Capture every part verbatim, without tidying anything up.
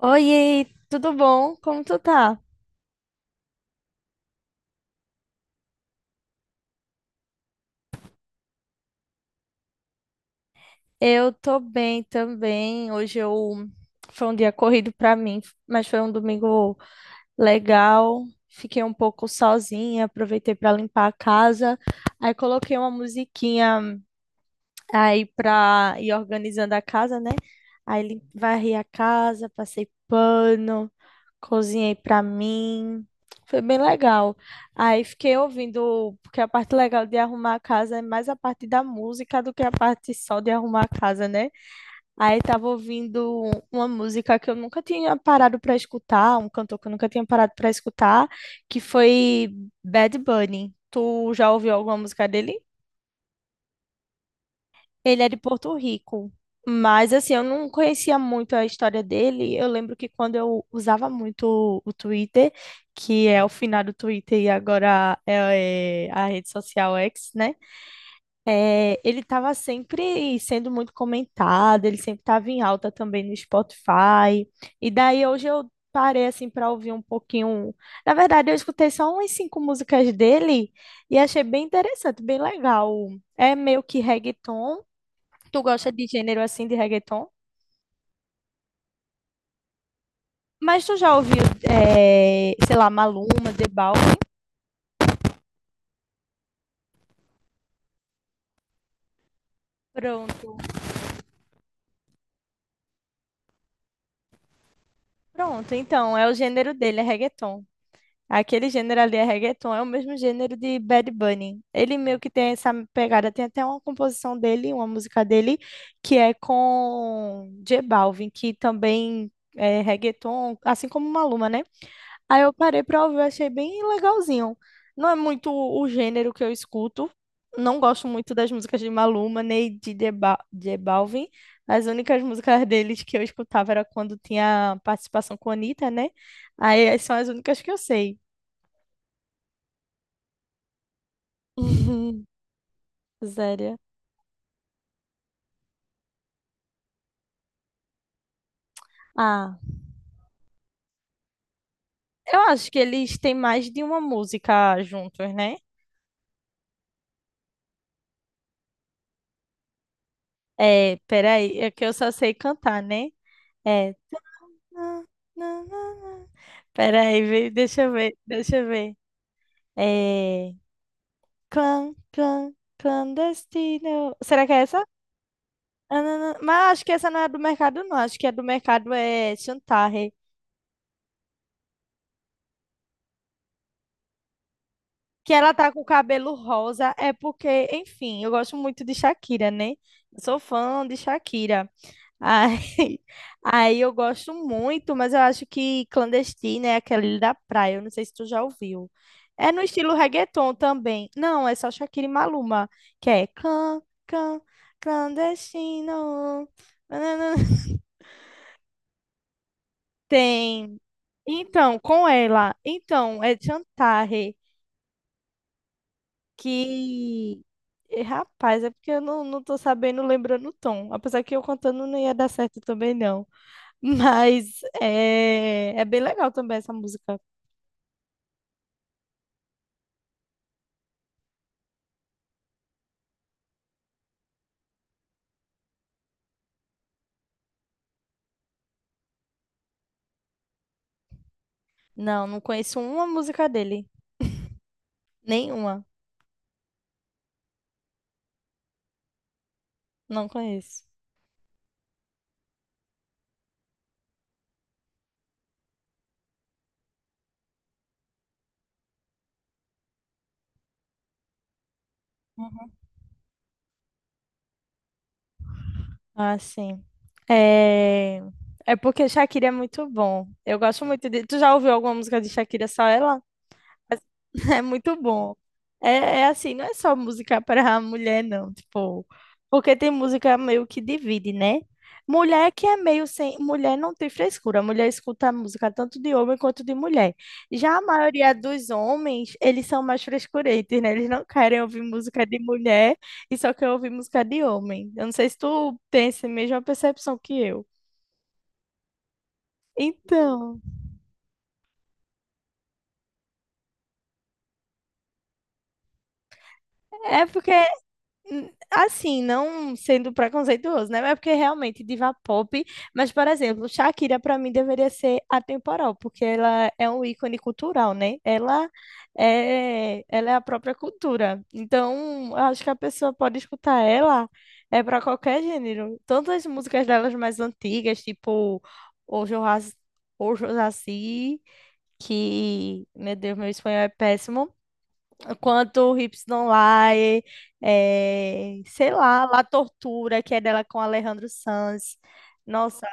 Oi, tudo bom? Como tu tá? Eu tô bem também. Hoje eu foi um dia corrido pra mim, mas foi um domingo legal. Fiquei um pouco sozinha, aproveitei pra limpar a casa. Aí coloquei uma musiquinha aí pra ir organizando a casa, né? Aí lim- varri a casa, passei pano, cozinhei pra mim. Foi bem legal. Aí fiquei ouvindo, porque a parte legal de arrumar a casa é mais a parte da música do que a parte só de arrumar a casa, né? Aí tava ouvindo uma música que eu nunca tinha parado pra escutar, um cantor que eu nunca tinha parado pra escutar, que foi Bad Bunny. Tu já ouviu alguma música dele? Ele é de Porto Rico, mas assim, eu não conhecia muito a história dele. Eu lembro que quando eu usava muito o Twitter, que é o finado Twitter e agora é, é a rede social X, né? É, ele estava sempre sendo muito comentado, ele sempre estava em alta também no Spotify. E daí hoje eu parei assim para ouvir um pouquinho. Na verdade, eu escutei só umas cinco músicas dele e achei bem interessante, bem legal. É meio que reggaeton. Tu gosta de gênero assim de reggaeton? Mas tu já ouviu, eh, sei lá, Maluma, The Balvin? Pronto. Pronto, então, é o gênero dele, é reggaeton. Aquele gênero ali é reggaeton, é o mesmo gênero de Bad Bunny. Ele meio que tem essa pegada, tem até uma composição dele, uma música dele, que é com J Balvin, que também é reggaeton, assim como Maluma, né? Aí eu parei pra ouvir, achei bem legalzinho. Não é muito o gênero que eu escuto. Não gosto muito das músicas de Maluma, nem de J Ba- J Balvin. As únicas músicas deles que eu escutava era quando tinha participação com a Anitta, né? Aí as- são as únicas que eu sei. Uhum. Sério. Ah, eu acho que eles têm mais de uma música juntos, né? É, peraí, é que eu só sei cantar, né? É. Peraí, vê- deixa eu ver, deixa eu ver. É... Clan, clan, clandestino. Será que é essa? Ah, não, não. Mas acho que essa não é do mercado, não. Acho que é do mercado é Chantarre. Que ela tá com o cabelo rosa. É porque, enfim, eu gosto muito de Shakira, né? Eu sou fã de Shakira. Aí, aí eu gosto muito, mas eu acho que clandestina é aquele da praia. Eu não sei se tu já ouviu. É no estilo reggaeton também. Não, é só Shakira e Maluma, que é can, can, clandestino. Nananã. Tem. Então, com ela. Então, é Chantarre, que. Eh, Rapaz, é porque eu não, não tô sabendo, lembrando o tom. Apesar que eu contando não ia dar certo também, não. Mas é, é bem legal também essa música. Não, não conheço uma música dele. Nenhuma. Não conheço. Uhum. Ah, sim. É, é porque Shakira é muito bom. Eu gosto muito de. Tu já ouviu alguma música de Shakira, só ela? Mas é muito bom. É, é assim, não é só música para mulher, não. Tipo, porque tem música meio que divide, né? Mulher que é meio sem. Mulher não tem frescura. Mulher escuta música tanto de homem quanto de mulher. Já a maioria dos homens, eles são mais frescurentos, né? Eles não querem ouvir música de mulher e só querem ouvir música de homem. Eu não sei se tu tem essa mesma percepção que eu. Então, é porque hum, assim, não sendo preconceituoso, né? Mas porque realmente diva pop. Mas, por exemplo, Shakira pra mim deveria ser atemporal, porque ela é um ícone cultural, né? Ela é, ela é a própria cultura. Então, eu acho que a pessoa pode escutar ela é para qualquer gênero. Tanto as músicas delas mais antigas, tipo Ojo Raci, Ojo Raci, que, meu Deus, meu espanhol é péssimo. Quanto o Hips Don't Lie, é, sei lá, La Tortura, que é dela com Alejandro Sanz. Nossa.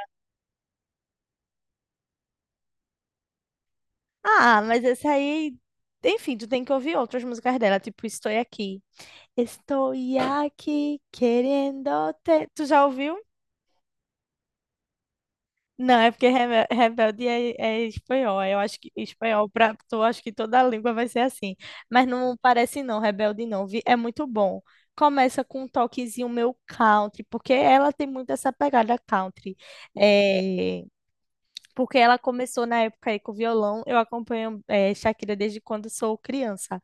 Ah, mas esse aí. Enfim, tu tem que ouvir outras músicas dela, tipo Estou Aqui. Estou aqui querendo te. Tu já ouviu? Não, é porque rebe- rebelde é, é espanhol. Eu acho que espanhol para tu, acho que toda a língua vai ser assim. Mas não parece não, rebelde não. vi- É muito bom. Começa com um toquezinho meu country, porque ela tem muito essa pegada country. É, porque ela começou na época aí com violão. Eu acompanho é, Shakira desde quando sou criança.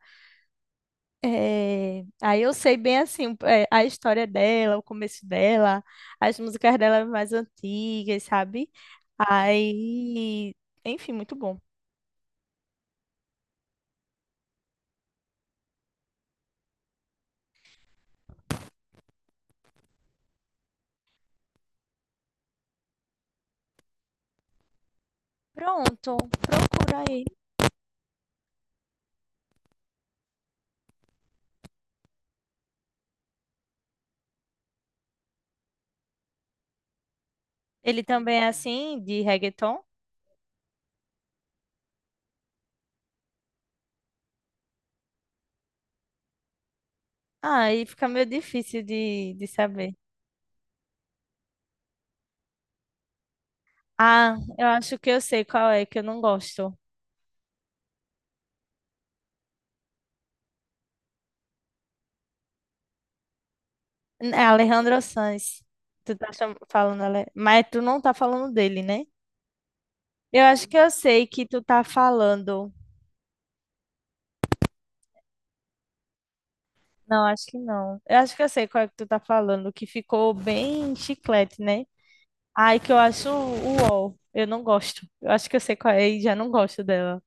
É, aí eu sei bem assim um, é, a história dela, o começo dela, as músicas dela mais antigas, sabe? Aí, enfim, muito bom. Pronto, procura aí. Ele também é assim, de reggaeton? Ah, aí fica meio difícil de, de saber. Ah, eu acho que eu sei qual é, que eu não gosto. É Alejandro Sanz. Tu tá cham- falando, Ale- mas tu não tá falando dele, né? Eu acho que eu sei que tu tá falando. Não, acho que não. Eu acho que eu sei qual é que tu tá falando, que ficou bem chiclete, né? Ai, que eu acho o u o ele. Eu não gosto. Eu acho que eu sei qual é e já não gosto dela.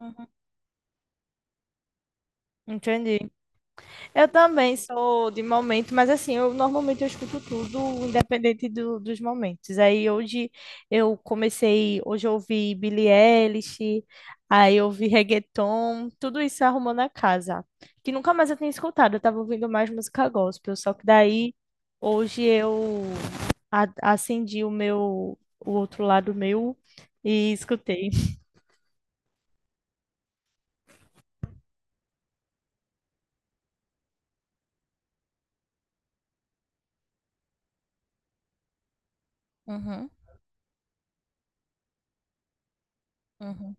Uhum. Entendi. Eu também sou de momento, mas assim, eu normalmente eu escuto tudo, independente do- dos momentos. Aí hoje eu comecei, hoje eu ouvi Billie Eilish, aí eu ouvi reggaeton, tudo isso arrumou na casa, que nunca mais eu tinha escutado, eu tava ouvindo mais música gospel, só que daí hoje eu a- acendi o meu, o outro lado meu e escutei. Uhum, uhum,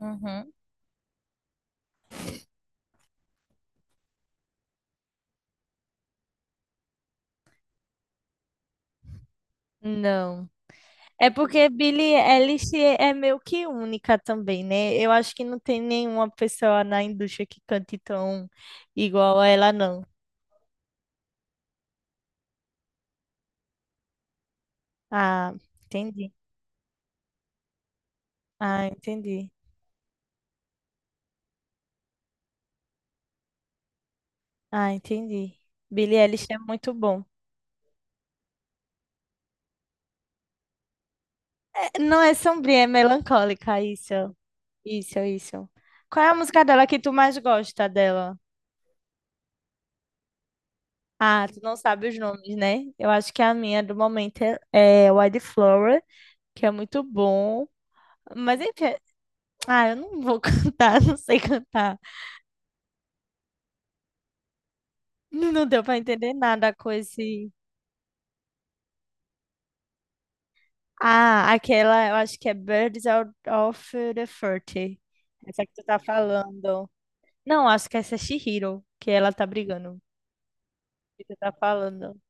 uhum. Não. É porque Billie Eilish é meio que única também, né? Eu acho que não tem nenhuma pessoa na indústria que cante tão igual a ela, não. Ah, entendi. Ah, entendi. Ah, entendi. Billie Eilish é muito bom. É, não é sombria, é melancólica, isso. Isso, isso. Qual é a música dela que tu mais gosta dela? Ah, tu não sabe os nomes, né? Eu acho que a minha do momento é, é Wildflower, que é muito bom. Mas enfim, ah, eu não vou cantar, não sei cantar. Não deu pra entender nada com esse. Ah, aquela, eu acho que é Birds Out of the Forty. Essa que tu tá falando. Não, acho que essa é Chihiro, que ela tá brigando. Que tu tá falando.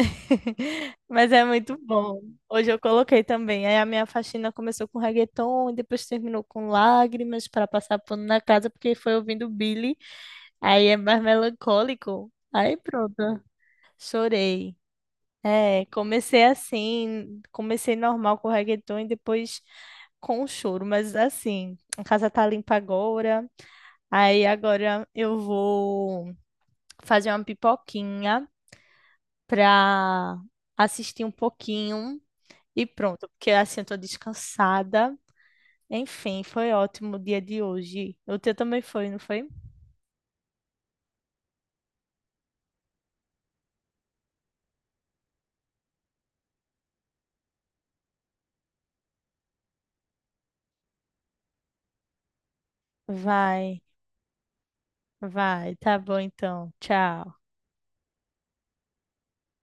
Mas é muito bom. Hoje eu coloquei também. Aí a minha faxina começou com reggaeton e depois terminou com lágrimas para passar pano na casa, porque foi ouvindo Billy. Aí é mais melancólico. Aí pronto. Chorei. É, comecei assim, comecei normal com o reggaeton e depois com o choro, mas assim, a casa tá limpa agora. Aí agora eu vou fazer uma pipoquinha pra assistir um pouquinho e pronto, porque assim eu tô descansada. Enfim, foi ótimo o dia de hoje. O teu também foi, não foi? Vai, vai, tá bom então. Tchau.